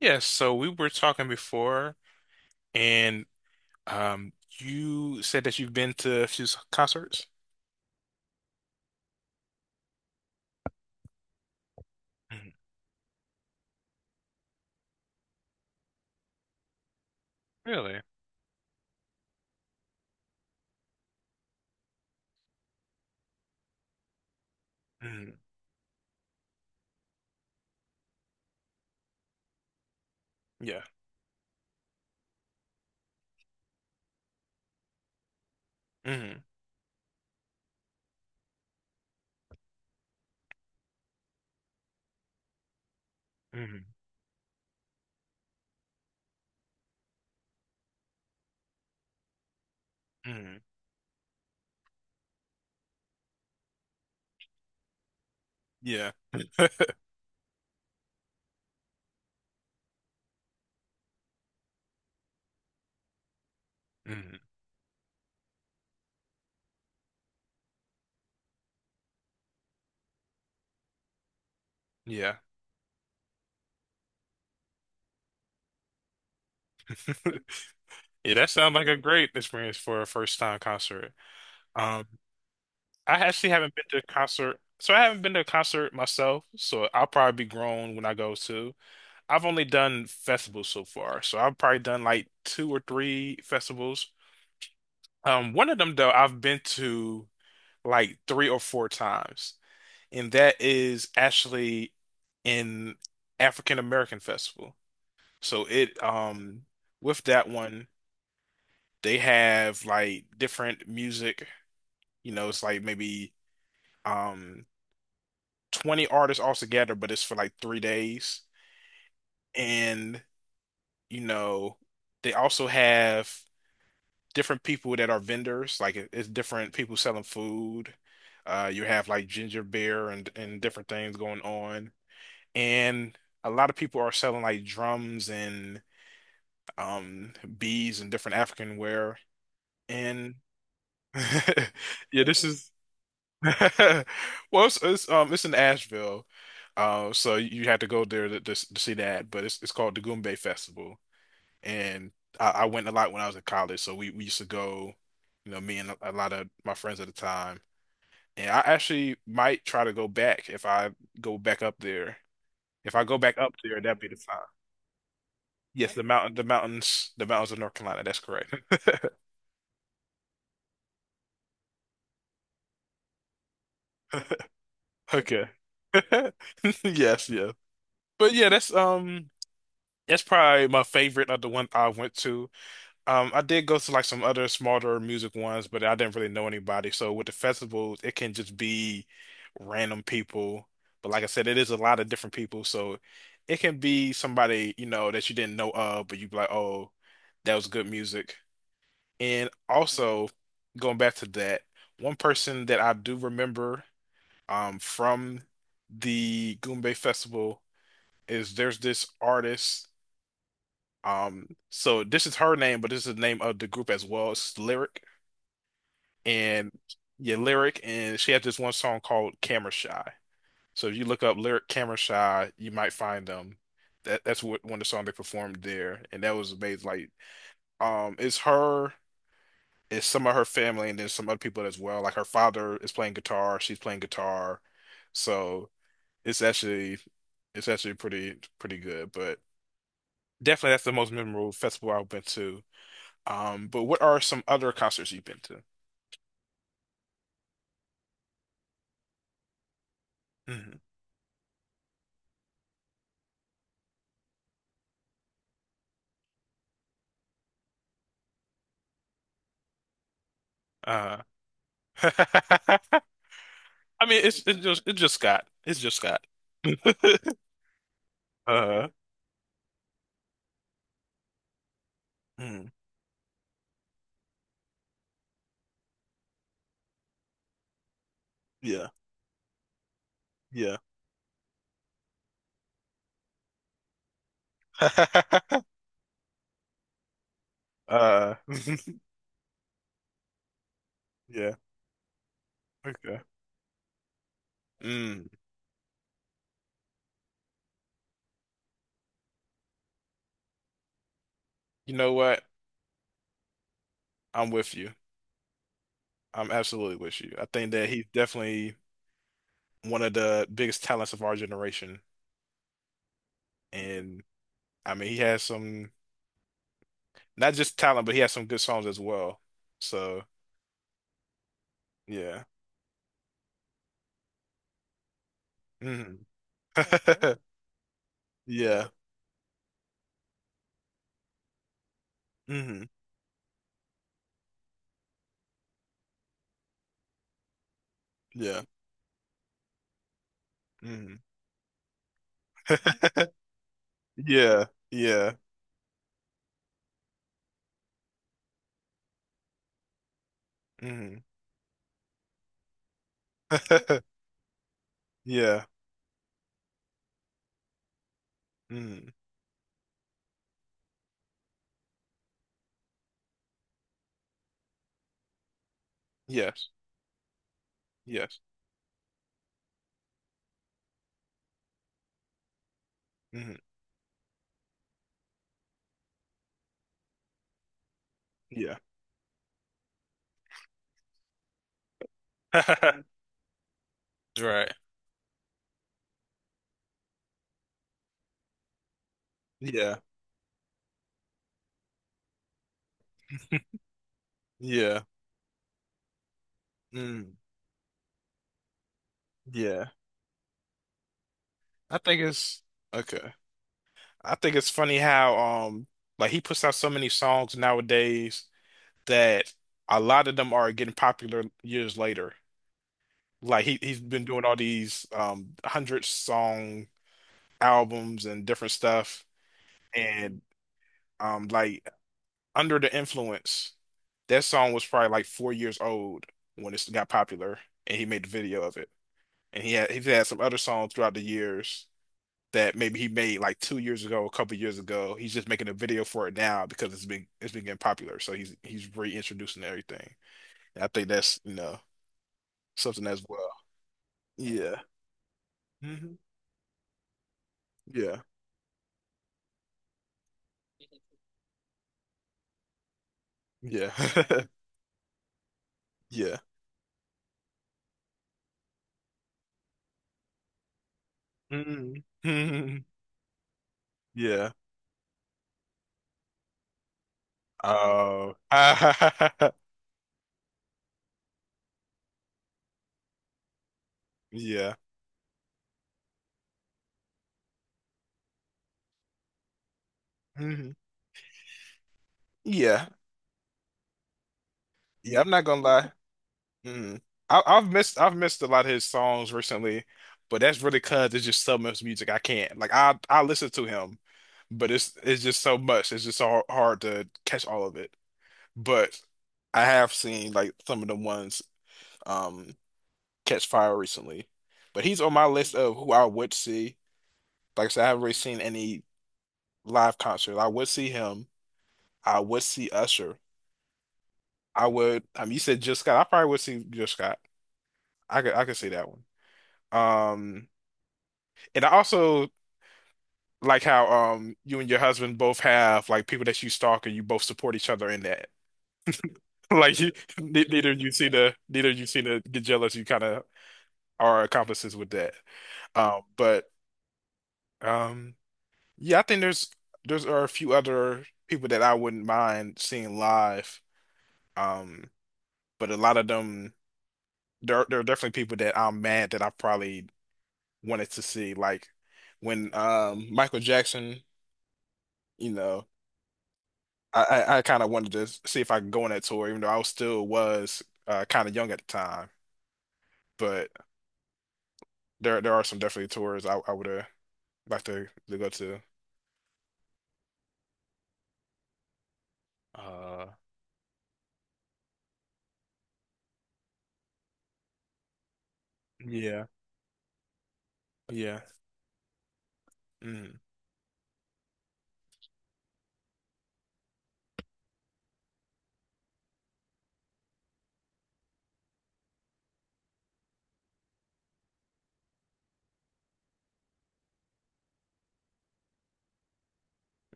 Yes, so we were talking before, and um, you said that you've been to a few concerts. Mhm. Really? Mhm. Yeah. hmm hmm hmm Yeah. hmm Yeah. Yeah, that sounds like a great experience for a first time concert. Um, I actually haven't been to a concert, so I haven't been to a concert myself. So I'll probably be grown when I go to. I've only done festivals so far, so I've probably done like two or three festivals. One of them though, I've been to like 3 or 4 times, and that is actually an African American Festival. So it with that one, they have like different music. You know, it's like maybe um 20 artists all together, but it's for like 3 days. And you know, they also have different people that are vendors. Like it's different people selling food. You have like ginger beer and different things going on. And a lot of people are selling like drums and um beads and different African wear. And yeah, this is well, it's in Asheville. So you had to go there to see that, but it's called the Goombay Festival, and I went a lot when I was in college. So we used to go, you know, me and a lot of my friends at the time. And I actually might try to go back if I go back up there. If I go back up there, that'd be the time. Yes, the mountains of North Carolina. That's correct. Okay. Yes. But yeah, that's probably my favorite of the one I went to. I did go to like some other smaller music ones, but I didn't really know anybody. So with the festivals, it can just be random people. But like I said, it is a lot of different people, so it can be somebody, you know, that you didn't know of, but you'd be like, "Oh, that was good music." And also going back to that, one person that I do remember from the Goombay Festival is there's this artist. So this is her name, but this is the name of the group as well. It's Lyric and yeah, Lyric, and she had this one song called Camera Shy. So if you look up Lyric Camera Shy, you might find them. That's what one of the songs they performed there, and that was amazing. Like, it's her. It's some of her family and then some other people as well. Like her father is playing guitar, she's playing guitar. So it's actually it's actually pretty good. But definitely that's the most memorable festival I've been to. But what are some other concerts you've been to? Hmm Uh, I mean it's just Scott. It's just Scott. Uh, mm, yeah, yeah. Uh, yeah. Okay. Mm, you know what? I'm with you. I'm absolutely with you. I think that he's definitely one of the biggest talents of our generation. And I mean, he has some, not just talent, but he has some good songs as well. So, yeah. hmm Yeah. hmm Yeah. hmm Yeah. Yeah. hmm Yeah. hmm Yes. Yes. hmm Yeah. Right. Yeah. Yeah. mm Yeah. I think it's okay. I think it's funny how like he puts out so many songs nowadays that a lot of them are getting popular years later. Like he's been doing all these hundred song albums and different stuff and like Under the Influence, that song was probably like 4 years old when it got popular and he made the video of it. And he's had some other songs throughout the years that maybe he made like 2 years ago, a couple years ago. He's just making a video for it now because it's been getting popular. So he's reintroducing everything. And I think that's you know something as well. Yeah. hmm Yeah. Yeah. Yeah. Mhm. Mhm. Yeah. Oh. Yeah. hmm Yeah. Yeah. I'm not gonna lie. Mm. I've missed a lot of his songs recently, but that's really 'cause it's just so much music I can't like I listen to him, but it's just so much it's just so hard to catch all of it. But I have seen like some of the ones um catch fire recently, but he's on my list of who I would see. Like I said, I haven't really seen any live concert. I would see him. I would see Usher. I would. I mean, you said Jill Scott. I probably would see Jill Scott. I could see that one. Um. And I also like how you and your husband both have like people that you stalk and you both support each other in that. Like you, neither you seem to get jealous. You kind of are accomplices with that. But um, yeah, I think there's are a few other people that I wouldn't mind seeing live. Um, but a lot of them there are definitely people that I'm mad that I probably wanted to see. Like when Michael Jackson, you know. I kind of wanted to see if I could go on that tour, even though I was still was kind of young at the time. But there are some definitely tours I would have liked to go to. Uh, yeah, yeah. Mm,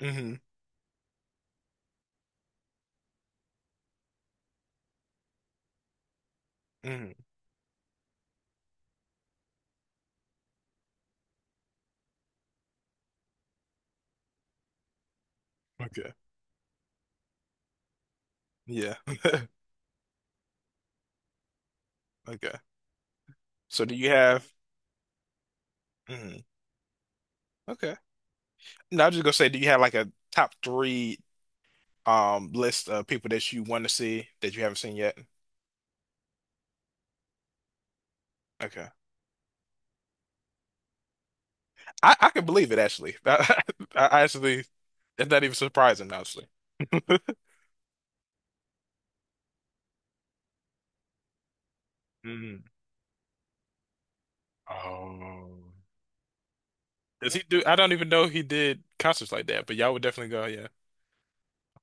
hmm hmm Okay. Yeah. Okay. So do you have? Mm, okay. No, I was just gonna say, do you have like a top three list of people that you want to see that you haven't seen yet? Okay. I can believe it actually. I actually, it's not even surprising, honestly. Hmm. Oh, does he do? I don't even know he did concerts like that, but y'all would definitely go. Yeah.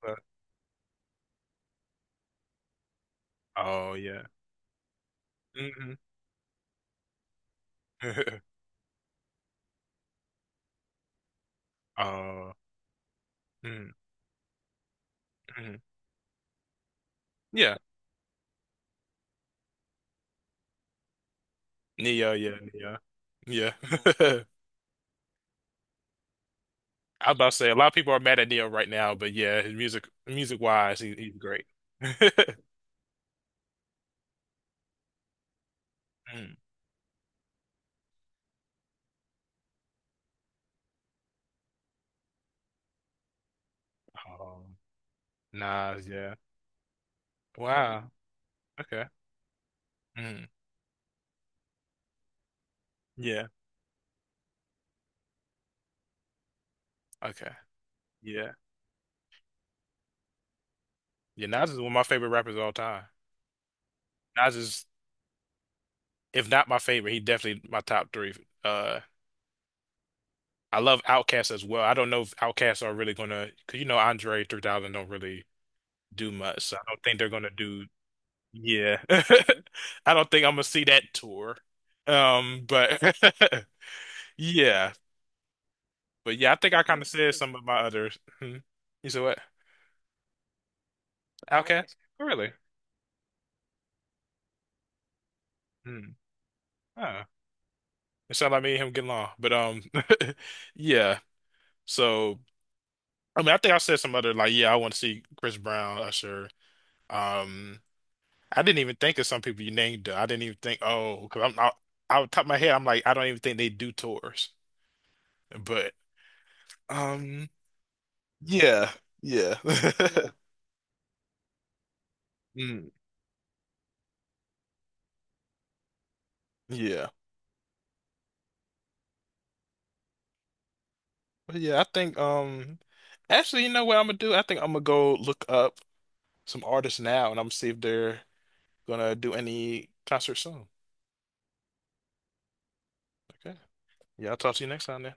Uh, Oh yeah. hmm Oh. Mm-hmm. Yeah. Neo. Yeah. Neo. Yeah. I was about to say a lot of people are mad at Neo right now, but yeah, his music, music wise, he's great. Mm. Oh, Nas. Yeah. Wow. Okay. Mm. Yeah. Okay. Yeah. Yeah. Nas is one of my favorite rappers of all time. Nas is, if not my favorite, he definitely my top three. Uh, I love Outkast as well. I don't know if Outkast are really gonna, cause you know Andre 3000 don't really do much. So I don't think they're gonna do. Yeah, I don't think I'm gonna see that tour. But yeah, but yeah, I think I kind of said some of my others. Hmm. You said what? Outkast? Oh, really? Hmm. Huh. It sounded like me and him getting along, but yeah. So I mean, I think I said some other like, yeah, I want to see Chris Brown, Usher. Um. I didn't even think of some people you named though. I didn't even think, oh, because I'm out the top of my head, I'm like, I don't even think they do tours. But um, yeah, yeah, Mm, yeah, but yeah. I think actually, you know what I'm gonna do? I think I'm gonna go look up some artists now, and I'm gonna see if they're gonna do any concert soon. Okay. Yeah, I'll talk to you next time then.